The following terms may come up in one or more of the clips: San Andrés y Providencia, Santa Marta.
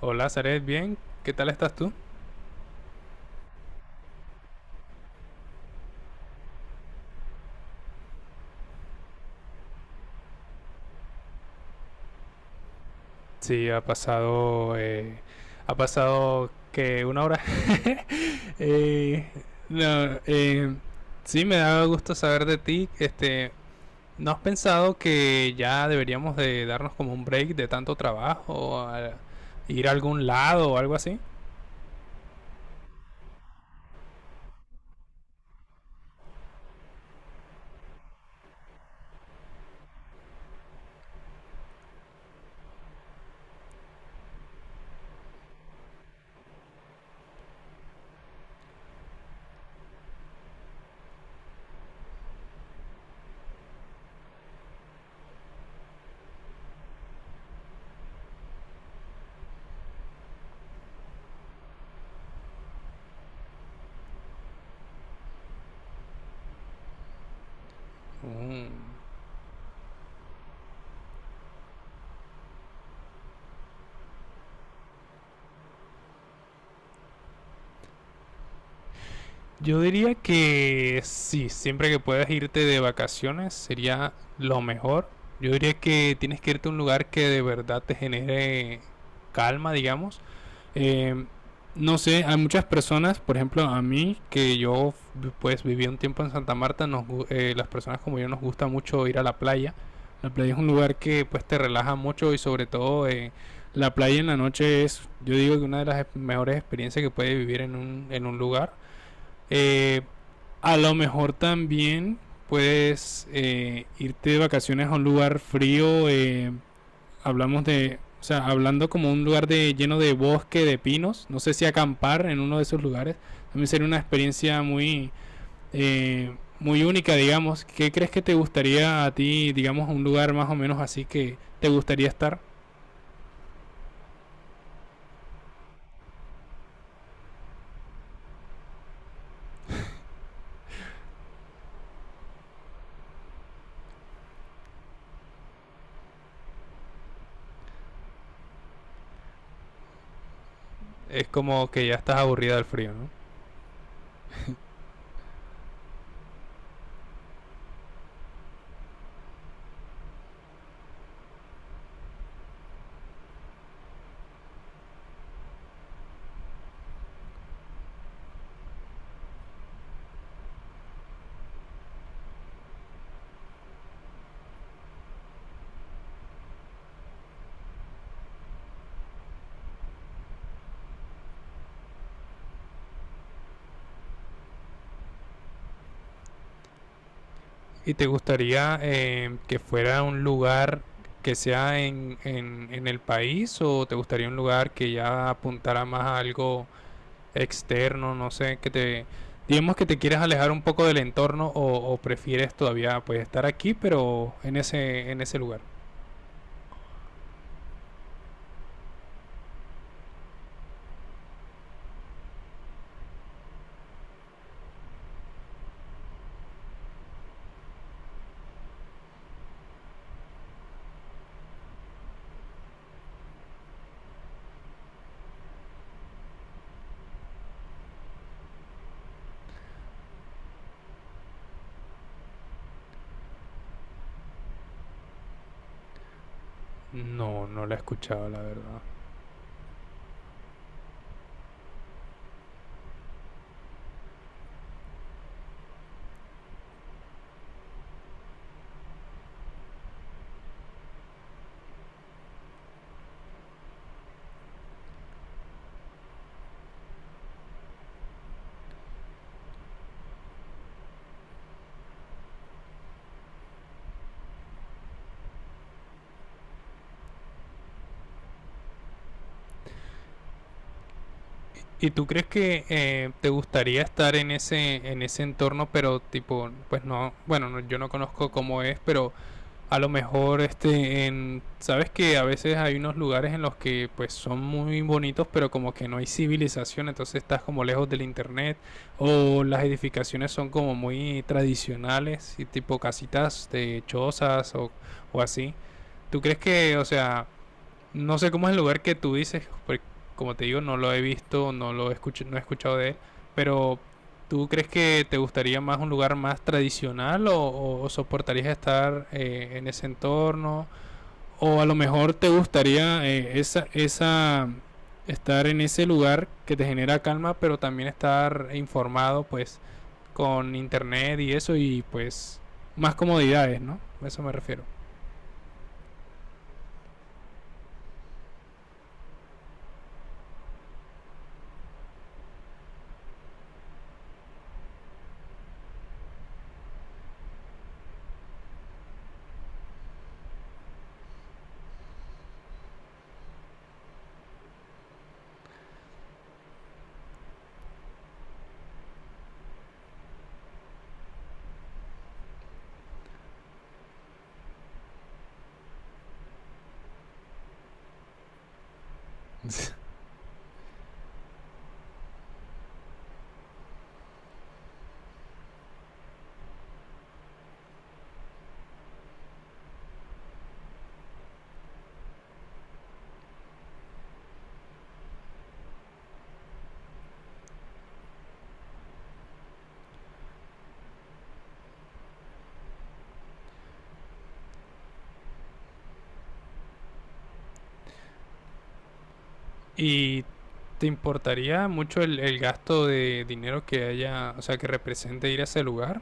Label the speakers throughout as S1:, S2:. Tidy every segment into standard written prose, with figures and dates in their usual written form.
S1: Hola, Zaret, bien. ¿Qué tal estás tú? Sí, ha pasado que una hora. Eh, no, sí, me da gusto saber de ti. ¿No has pensado que ya deberíamos de darnos como un break de tanto trabajo, ir a algún lado o algo así? Mm. Yo diría que sí, siempre que puedas irte de vacaciones sería lo mejor. Yo diría que tienes que irte a un lugar que de verdad te genere calma, digamos. Eh, no sé, hay muchas personas, por ejemplo, a mí, que yo pues viví un tiempo en Santa Marta, las personas como yo nos gusta mucho ir a la playa. La playa es un lugar que pues te relaja mucho y sobre todo la playa en la noche es, yo digo que una de las mejores experiencias que puedes vivir en en un lugar. Eh, a lo mejor también puedes irte de vacaciones a un lugar frío. Hablamos de, o sea, hablando como un lugar de, lleno de bosque, de pinos. No sé si acampar en uno de esos lugares. También sería una experiencia muy única, digamos. ¿Qué crees que te gustaría a ti, digamos, un lugar más o menos así que te gustaría estar? Es como que ya estás aburrida del frío, ¿no? ¿Y te gustaría que fuera un lugar que sea en el país o te gustaría un lugar que ya apuntara más a algo externo, no sé, que te... Digamos que te quieres alejar un poco del entorno o prefieres todavía pues estar aquí pero en en ese lugar. No, no la he escuchado, la verdad. ¿Y tú crees que te gustaría estar en en ese entorno, pero tipo, pues no, bueno, yo no conozco cómo es, pero a lo mejor este en sabes que a veces hay unos lugares en los que pues son muy bonitos pero como que no hay civilización entonces estás como lejos del internet o las edificaciones son como muy tradicionales y tipo casitas de chozas o así tú crees que o sea no sé cómo es el lugar que tú dices, porque como te digo, no lo he visto, no he escuchado de él, pero ¿tú crees que te gustaría más un lugar más tradicional soportarías estar en ese entorno? O a lo mejor te gustaría estar en ese lugar que te genera calma, pero también estar informado pues con internet y eso y pues más comodidades, ¿no? A eso me refiero. ¿Y te importaría mucho el gasto de dinero que haya, o sea, que represente ir a ese lugar?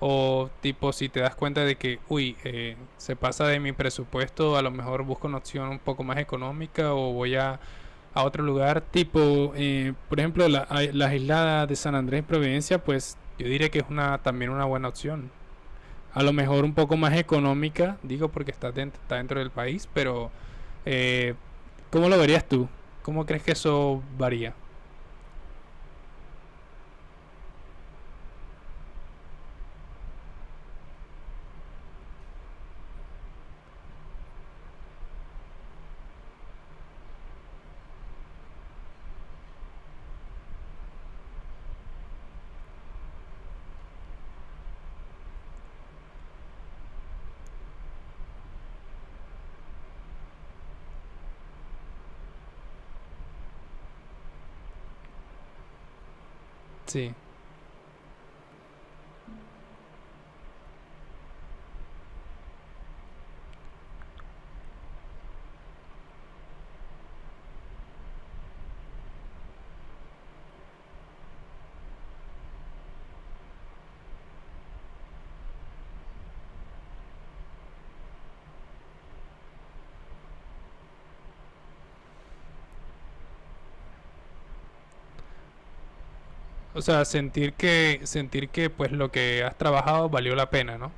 S1: O tipo, si te das cuenta de que, uy, se pasa de mi presupuesto, a lo mejor busco una opción un poco más económica o voy a otro lugar, tipo, por ejemplo, las islas de San Andrés y Providencia, pues yo diría que es una también una buena opción a lo mejor un poco más económica, digo porque está dentro del país, pero eh, ¿cómo lo verías tú? ¿Cómo crees que eso varía? Sí. O sea, sentir que pues lo que has trabajado valió la pena, ¿no?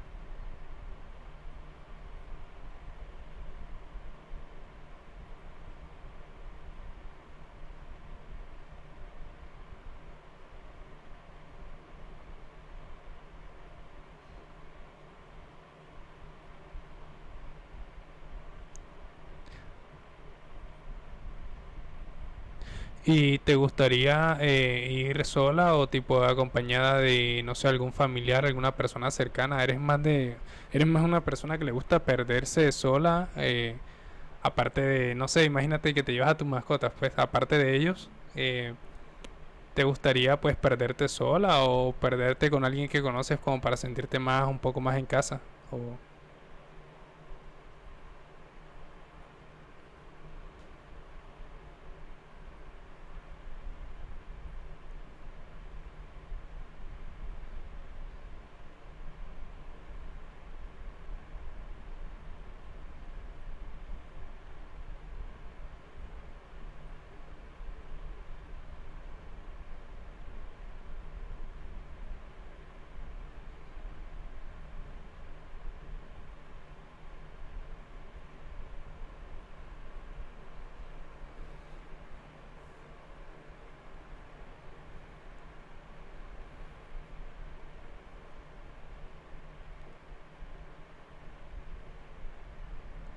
S1: ¿Y te gustaría ir sola o tipo acompañada de, no sé, algún familiar, alguna persona cercana? ¿Eres más de, eres más una persona que le gusta perderse sola? Aparte de, no sé, imagínate que te llevas a tus mascotas, pues aparte de ellos, eh, ¿te gustaría pues perderte sola o perderte con alguien que conoces como para sentirte más, un poco más en casa? O...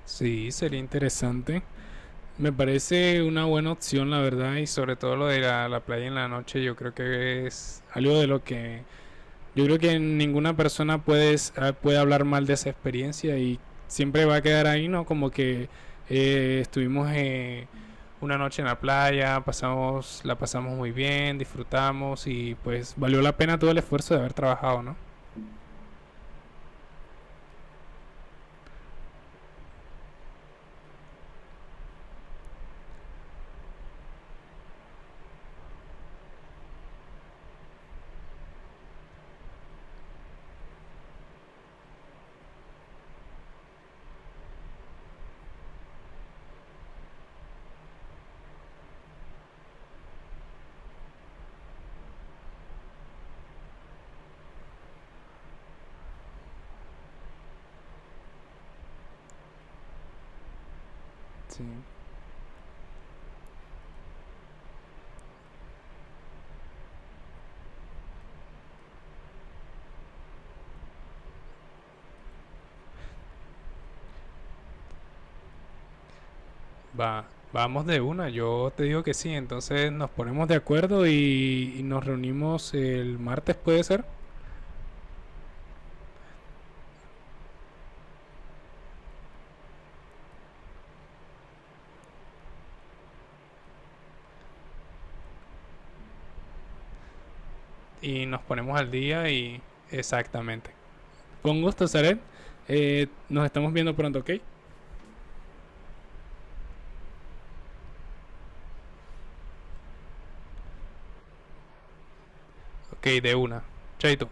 S1: Sí, sería interesante. Me parece una buena opción, la verdad, y sobre todo lo de la playa en la noche, yo creo que es algo de lo que yo creo que puede hablar mal de esa experiencia y siempre va a quedar ahí, ¿no? Como que estuvimos una noche en la playa, la pasamos muy bien, disfrutamos y pues valió la pena todo el esfuerzo de haber trabajado, ¿no? Sí. Va, vamos de una, yo te digo que sí, entonces nos ponemos de acuerdo y nos reunimos el martes puede ser y nos ponemos al día y exactamente. Con gusto, Saret. Nos estamos viendo pronto, ¿ok? Ok, de una. Chaito.